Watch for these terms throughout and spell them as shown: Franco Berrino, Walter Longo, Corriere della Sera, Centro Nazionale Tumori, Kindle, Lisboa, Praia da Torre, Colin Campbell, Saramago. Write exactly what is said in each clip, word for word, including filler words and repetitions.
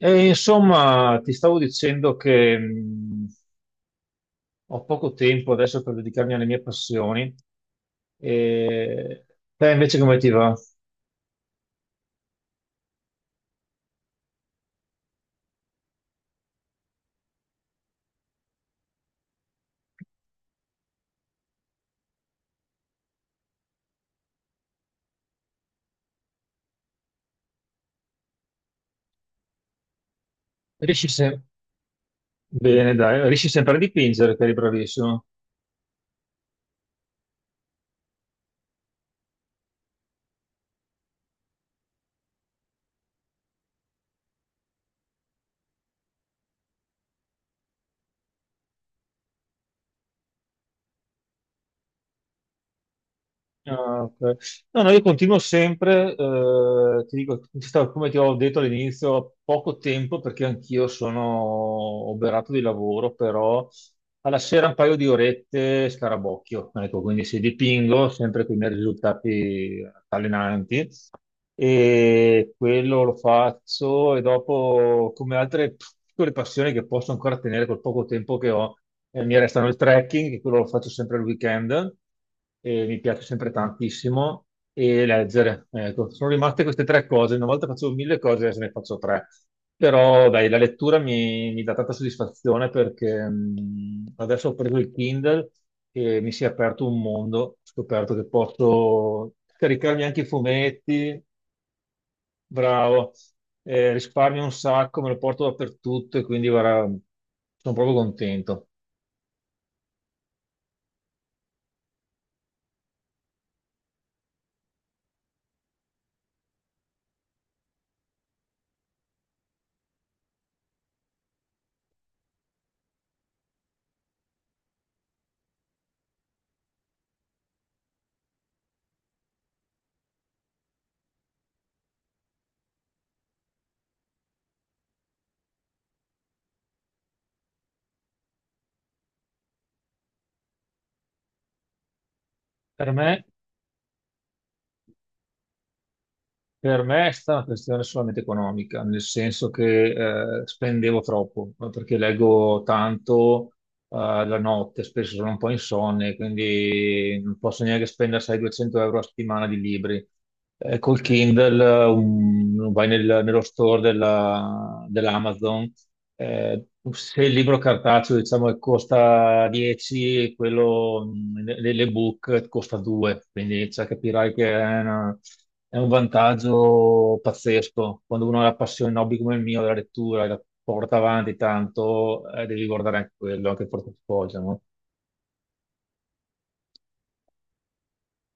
E insomma, ti stavo dicendo che mh, ho poco tempo adesso per dedicarmi alle mie passioni. E te invece come ti va? Riesci sempre... Bene, dai, riesci sempre a dipingere, che eri bravissimo. Ah, ok. No, no, io continuo sempre, eh, ti dico, ci sto- come ti ho detto all'inizio, poco tempo perché anch'io sono oberato di lavoro, però alla sera un paio di orette scarabocchio, ecco, quindi se dipingo sempre con i miei risultati allenanti e quello lo faccio e dopo come altre piccole passioni che posso ancora tenere col poco tempo che ho, eh, mi restano il trekking, che quello lo faccio sempre al weekend e mi piace sempre tantissimo, e leggere. Ecco, sono rimaste queste tre cose. Una volta facevo mille cose, adesso ne faccio tre. Però dai, la lettura mi, mi dà tanta soddisfazione perché mh, adesso ho preso il Kindle e mi si è aperto un mondo. Ho scoperto che posso caricarmi anche i fumetti, bravo, Eh, risparmio un sacco, me lo porto dappertutto e quindi guarda, sono proprio contento. Per me Per me è stata una questione solamente economica, nel senso che eh, spendevo troppo, ma perché leggo tanto eh, la notte, spesso sono un po' insonne, quindi non posso neanche spendere seicento-duecento euro a settimana di libri. Eh, col Kindle eh, un- vai nel- nello store della- dell'Amazon eh, se il libro cartaceo, diciamo, che costa dieci, quello mh, le- l'ebook costa due, quindi cioè, capirai che è, una- è un vantaggio pazzesco. Quando uno ha la passione, un hobby come il mio, della lettura, e la porta avanti tanto, eh, devi guardare anche quello, anche il portafoglio, no?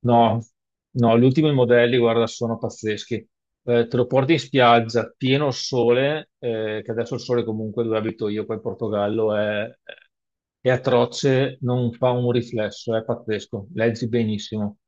No, no, gli ultimi modelli, guarda, sono pazzeschi. Eh, te lo porti in spiaggia, pieno sole, eh, che adesso il sole comunque dove abito io qua in Portogallo è, è atroce, non fa un riflesso, è pazzesco, leggi benissimo.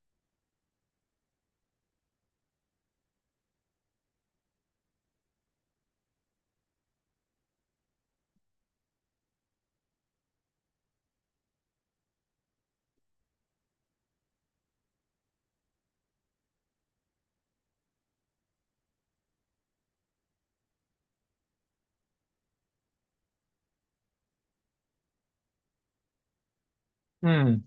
Mm.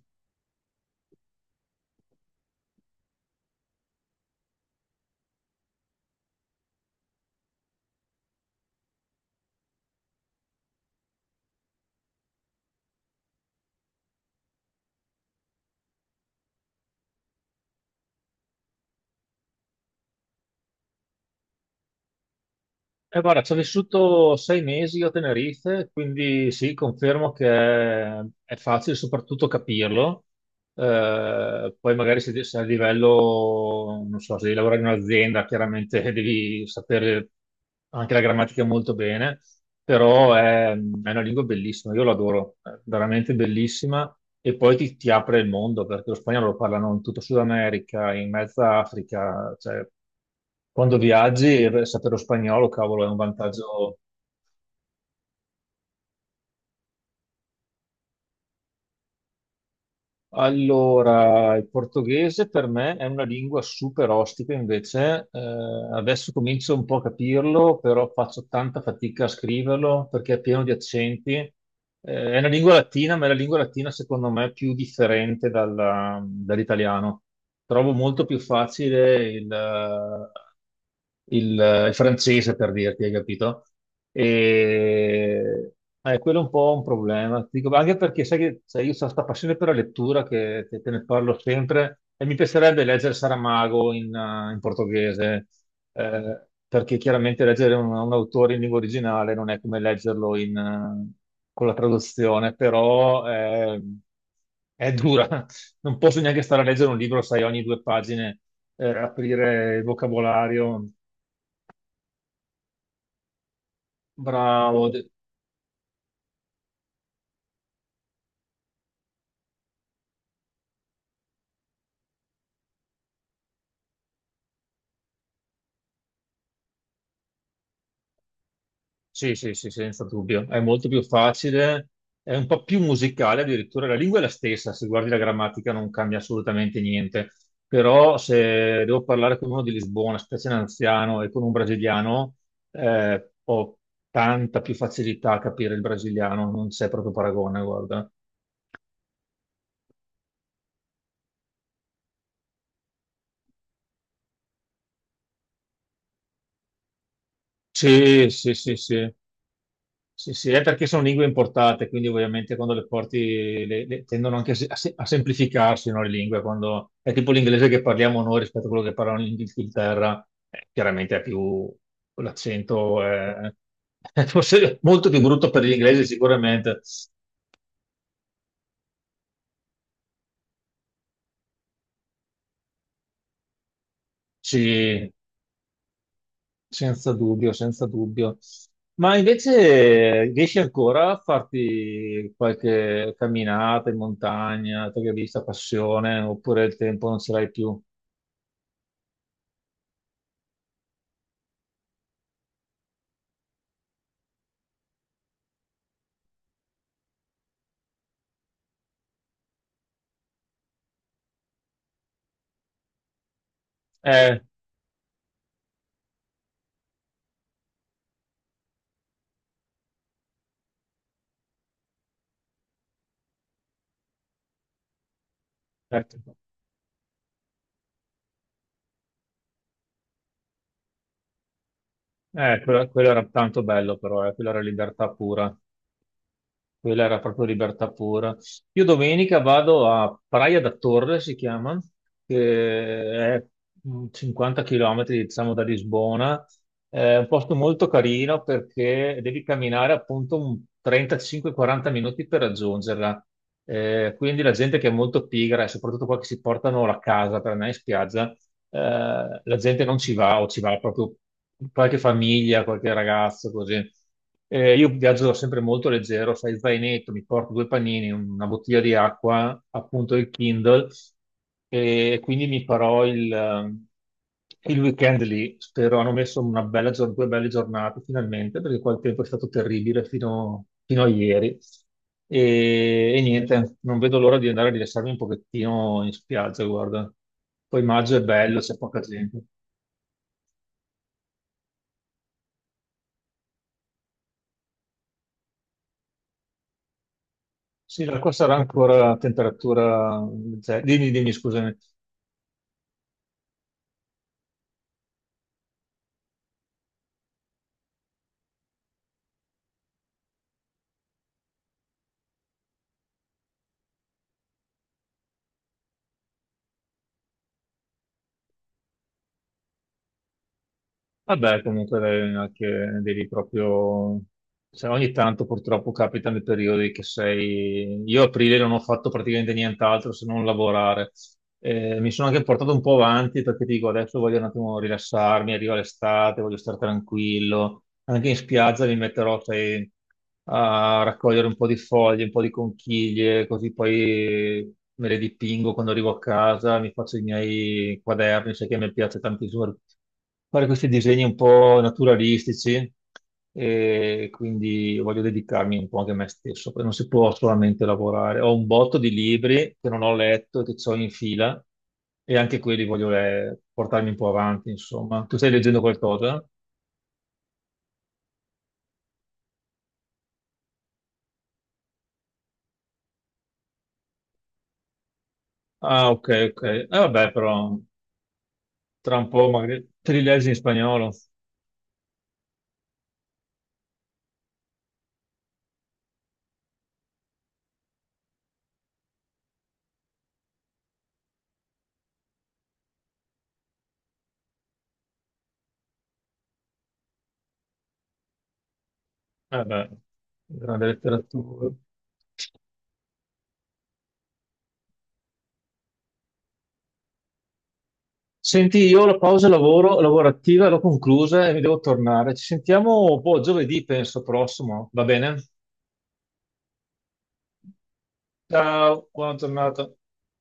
Eh, guarda, ci ho vissuto sei mesi a Tenerife, quindi sì, confermo che è, è facile soprattutto capirlo. Eh, poi magari se, se a livello, non so, se devi lavorare in un'azienda, chiaramente devi sapere anche la grammatica molto bene, però è, è una lingua bellissima, io l'adoro, è veramente bellissima e poi ti, ti apre il mondo perché lo spagnolo lo parlano in tutta Sud America, in mezza Africa, cioè quando viaggi eh, sapere lo spagnolo, cavolo, è un vantaggio. Allora, il portoghese per me è una lingua super ostica, invece eh, adesso comincio un po' a capirlo, però faccio tanta fatica a scriverlo perché è pieno di accenti. Eh, è una lingua latina, ma è la lingua latina secondo me più differente dalla- dall'italiano. Trovo molto più facile il, il, il francese per dirti, hai capito? E eh, quello è un po' un problema. Ti dico, anche perché sai che sai, io ho questa passione per la lettura che, che te ne parlo sempre e mi piacerebbe leggere Saramago in, eh, in portoghese, eh, perché chiaramente leggere un, un autore in lingua originale non è come leggerlo in, eh, con la traduzione, però eh, è dura. Non posso neanche stare a leggere un libro, sai, ogni due pagine eh, aprire il vocabolario. Bravo, de- sì, sì, sì, senza dubbio, è molto più facile, è un po' più musicale addirittura, la lingua è la stessa, se guardi la grammatica non cambia assolutamente niente, però se devo parlare con uno di Lisbona, specie un anziano, e con un brasiliano, eh, ho tanta più facilità a capire il brasiliano, non c'è proprio paragone, guarda. Sì, sì, sì, sì. Sì, sì, è perché sono lingue importate, quindi ovviamente quando le porti le- le- tendono anche a, se- a se- a semplificarsi, no, le lingue, quando è tipo l'inglese che parliamo noi rispetto a quello che parlano in Inghilterra, eh, chiaramente è più l'accento è, è forse molto più brutto per l'inglese sicuramente, sì, senza dubbio, senza dubbio. Ma invece eh, riesci ancora a farti qualche camminata in montagna, te che hai vista passione, oppure il tempo non ce l'hai più? Eh, certo. Eh, quello, quello era tanto bello però, eh, quella era libertà pura, quella era proprio libertà pura. Io domenica vado a Praia da Torre, si chiama, che è mm, cinquanta chilometri, diciamo, da Lisbona. È un posto molto carino perché devi camminare appunto un trentacinque quaranta minuti per raggiungerla. Eh, quindi la gente che è molto pigra, e soprattutto qua che si portano la casa per andare in spiaggia, eh, la gente non ci va o ci va proprio qualche famiglia, qualche ragazzo, così. Eh, io viaggio sempre molto leggero, fai zainetto, mi porto due panini, una bottiglia di acqua, appunto il Kindle, e quindi mi farò il, il weekend lì, spero, hanno messo una bella gior- due belle giornate finalmente, perché qua il tempo è stato terribile fino, fino a ieri. E, e niente, non vedo l'ora di andare a rilassarmi un pochettino in spiaggia, guarda. Poi maggio è bello, c'è poca gente. Sì, da qua sarà ancora a temperatura... legge- Dimmi, dimmi, scusami. Vabbè, comunque eh, anche devi proprio... cioè, ogni tanto purtroppo capitano i periodi che sei... Io a aprile non ho fatto praticamente nient'altro se non lavorare. Eh, mi sono anche portato un po' avanti perché dico adesso voglio un attimo rilassarmi, arriva l'estate, voglio stare tranquillo. Anche in spiaggia mi metterò, sai, a raccogliere un po' di foglie, un po' di conchiglie, così poi me le dipingo quando arrivo a casa, mi faccio i miei quaderni, sai che mi piace tantissimo fare questi disegni un po' naturalistici e quindi voglio dedicarmi un po' anche a me stesso, perché non si può solamente lavorare. Ho un botto di libri che non ho letto e che ho in fila e anche quelli voglio eh, portarmi un po' avanti, insomma. Tu stai leggendo qualcosa? Ah, ok, ok. Eh, vabbè, però tra un po' magari te li leggi in spagnolo. Eh, vabbè, grande letteratura. Senti, io ho la pausa lavoro, lavorativa, l'ho conclusa e mi devo tornare. Ci sentiamo, boh, giovedì, penso, prossimo. Va bene? Ciao, buona giornata.